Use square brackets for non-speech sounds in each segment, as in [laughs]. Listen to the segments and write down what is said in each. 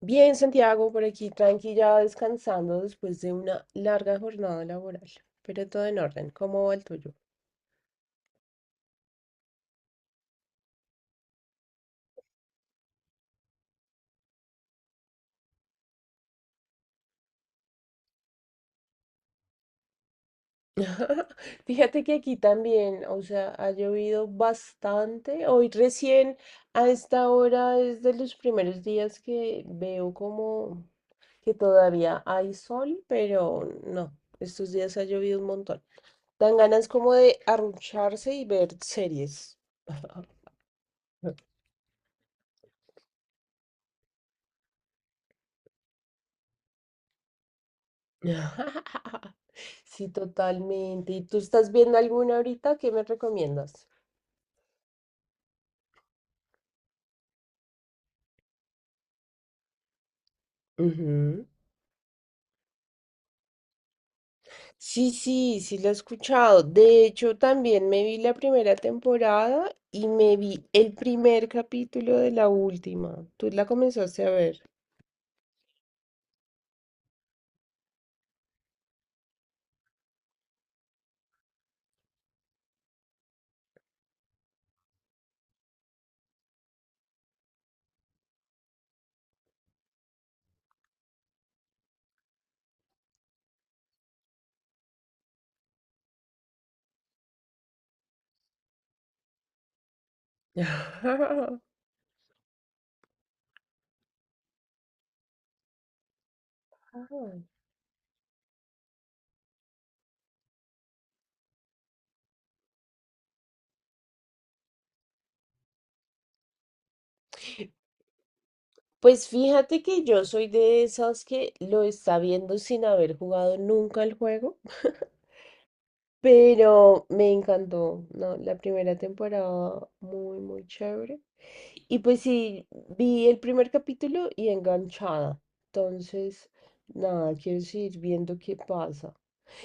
Bien, Santiago, por aquí tranquila, descansando después de una larga jornada laboral, pero todo en orden. ¿Cómo va el tuyo? [laughs] Fíjate que aquí también, o sea, ha llovido bastante. Hoy recién a esta hora es de los primeros días que veo como que todavía hay sol, pero no, estos días ha llovido un montón. Dan ganas como de arrucharse y ver series. [laughs] Sí, totalmente. ¿Y tú estás viendo alguna ahorita? ¿Qué me recomiendas? Sí, sí, sí lo he escuchado. De hecho, también me vi la primera temporada y me vi el primer capítulo de la última. ¿Tú la comenzaste a ver? [laughs] Pues fíjate que yo soy de esas que lo está viendo sin haber jugado nunca el juego, [laughs] pero me encantó, ¿no? La primera temporada muy, muy chévere. Y pues sí, vi el primer capítulo y enganchada. Entonces, nada, quiero seguir viendo qué pasa.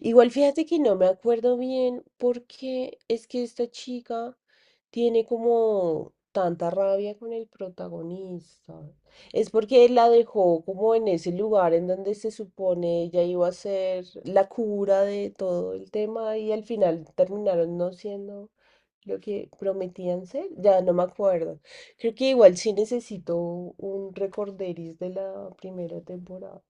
Igual fíjate que no me acuerdo bien porque es que esta chica tiene como tanta rabia con el protagonista. Es porque él la dejó como en ese lugar en donde se supone ella iba a ser la cura de todo el tema y al final terminaron no siendo lo que prometían ser. Ya no me acuerdo. Creo que igual sí necesito un recorderis de la primera temporada.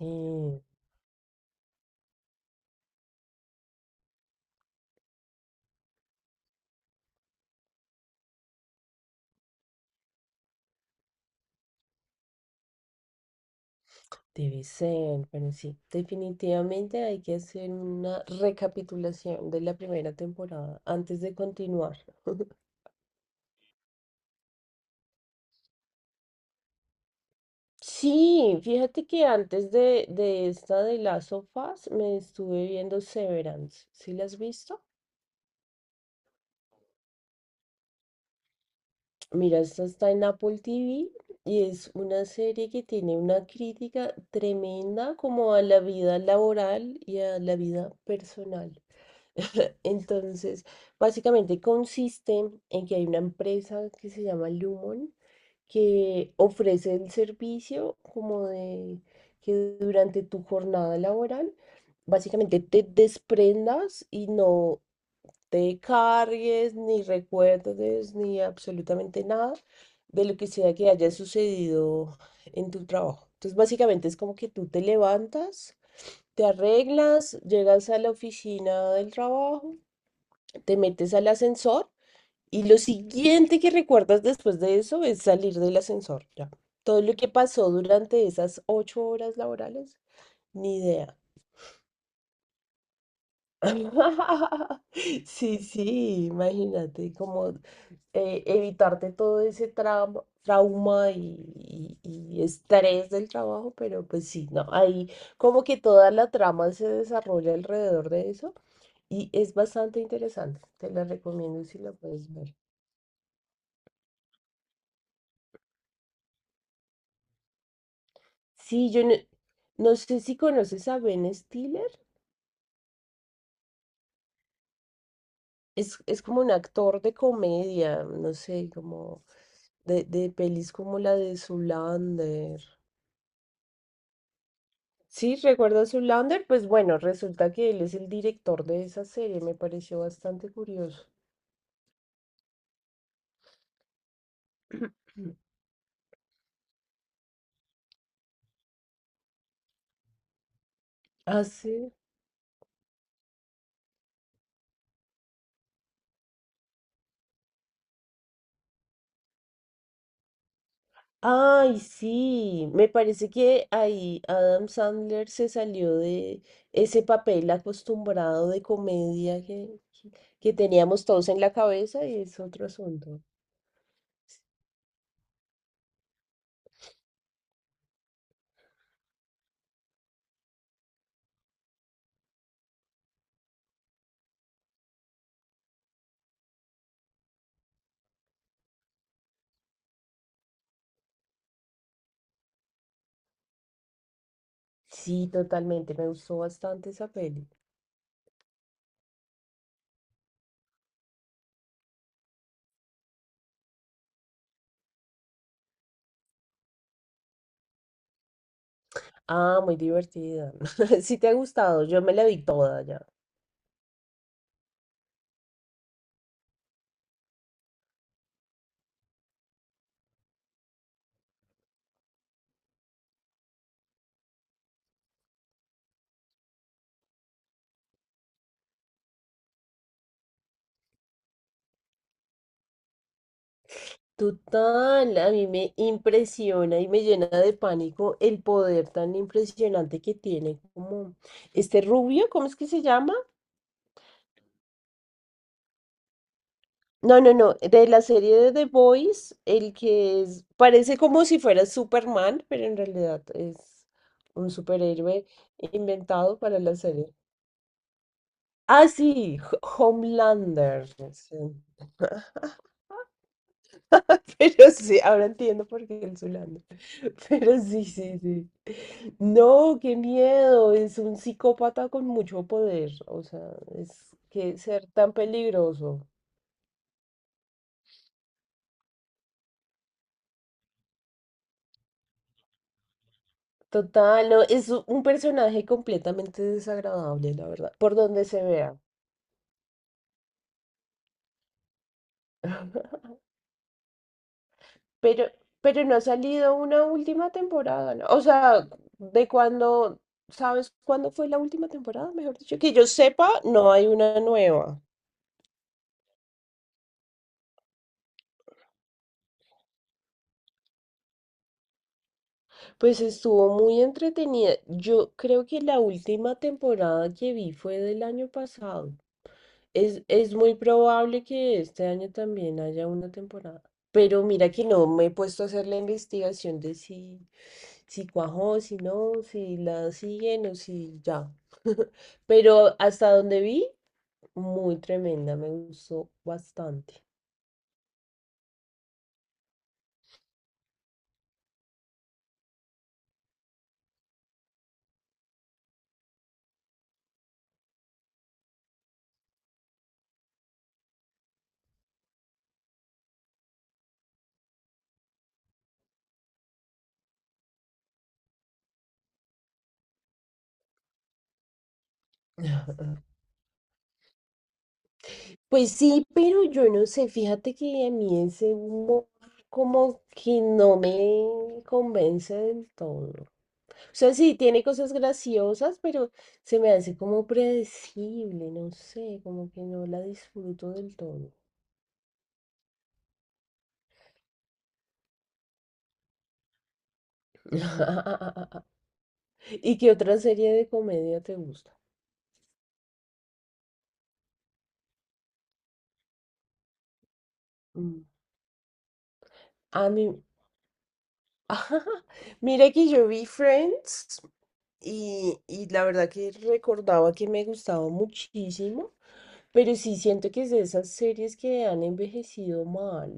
Mm. Debe ser, pero sí, definitivamente hay que hacer una recapitulación de la primera temporada antes de continuar. Sí, fíjate que antes de esta de Last of Us me estuve viendo Severance. ¿Sí la has visto? Mira, esta está en Apple TV y es una serie que tiene una crítica tremenda como a la vida laboral y a la vida personal. [laughs] Entonces, básicamente consiste en que hay una empresa que se llama Lumon que ofrece el servicio como de que durante tu jornada laboral básicamente te desprendas y no te cargues, ni recuerdes, ni absolutamente nada de lo que sea que haya sucedido en tu trabajo. Entonces, básicamente es como que tú te levantas, te arreglas, llegas a la oficina del trabajo, te metes al ascensor y lo siguiente que recuerdas después de eso es salir del ascensor, ya. Todo lo que pasó durante esas ocho horas laborales, ni idea. [laughs] Sí, sí, imagínate como evitarte todo ese trauma, trauma y estrés del trabajo, pero pues sí, no, ahí como que toda la trama se desarrolla alrededor de eso y es bastante interesante, te la recomiendo si la puedes ver. Sí, yo no, no sé si conoces a Ben Stiller, es como un actor de comedia, no sé, como de pelis como la de Zoolander. Sí, ¿recuerdas Zoolander? Pues bueno, resulta que él es el director de esa serie, me pareció bastante curioso. Ah, sí. Ay, sí, me parece que ahí Adam Sandler se salió de ese papel acostumbrado de comedia que teníamos todos en la cabeza y es otro asunto. Sí, totalmente, me gustó bastante esa peli. Ah, muy divertida. [laughs] Sí te ha gustado, yo me la vi toda ya. Total, a mí me impresiona y me llena de pánico el poder tan impresionante que tiene como este rubio, ¿cómo es que se llama? No, no, no, de la serie de The Boys, el que parece como si fuera Superman, pero en realidad es un superhéroe inventado para la serie. Ah, sí, Homelander. Sí. Pero sí, ahora entiendo por qué el Zulanda. Pero sí, sí, sí. No, qué miedo. Es un psicópata con mucho poder. O sea, es que ser tan peligroso. Total, no, es un personaje completamente desagradable, la verdad, por donde se vea. [laughs] Pero, pero no ha salido una última temporada, ¿no? O sea, de cuando, ¿sabes cuándo fue la última temporada? Mejor dicho, que yo sepa, no hay una nueva. Pues estuvo muy entretenida. Yo creo que la última temporada que vi fue del año pasado. Es muy probable que este año también haya una temporada. Pero mira que no me he puesto a hacer la investigación de si, si cuajó, si no, si la siguen o si ya. [laughs] Pero hasta donde vi, muy tremenda, me gustó bastante. Pues sí, pero yo no sé, fíjate que a mí ese humor como que no me convence del todo. O sea, sí, tiene cosas graciosas, pero se me hace como predecible, no sé, como que no la disfruto del todo. [laughs] ¿Y qué otra serie de comedia te gusta? Mm. A mí, [laughs] mira que yo vi Friends, y la verdad que recordaba que me gustaba muchísimo, pero sí siento que es de esas series que han envejecido mal.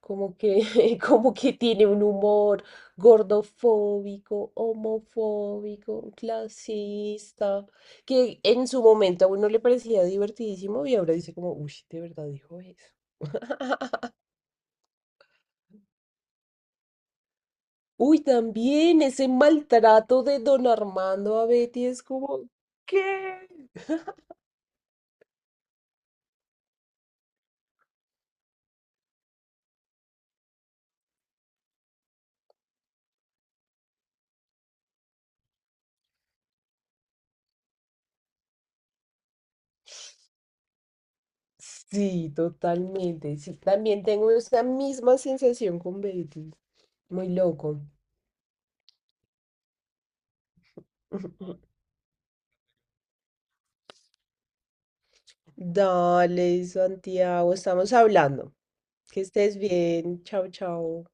Como que, [laughs] como que tiene un humor gordofóbico, homofóbico, clasista, que en su momento a uno le parecía divertidísimo y ahora dice como, uy, de verdad dijo eso. Uy, también ese maltrato de don Armando a Betty es como, ¿qué? Sí, totalmente. Sí, también tengo esa misma sensación con Beatles. Muy loco. [laughs] Dale, Santiago, estamos hablando. Que estés bien. Chao, chao.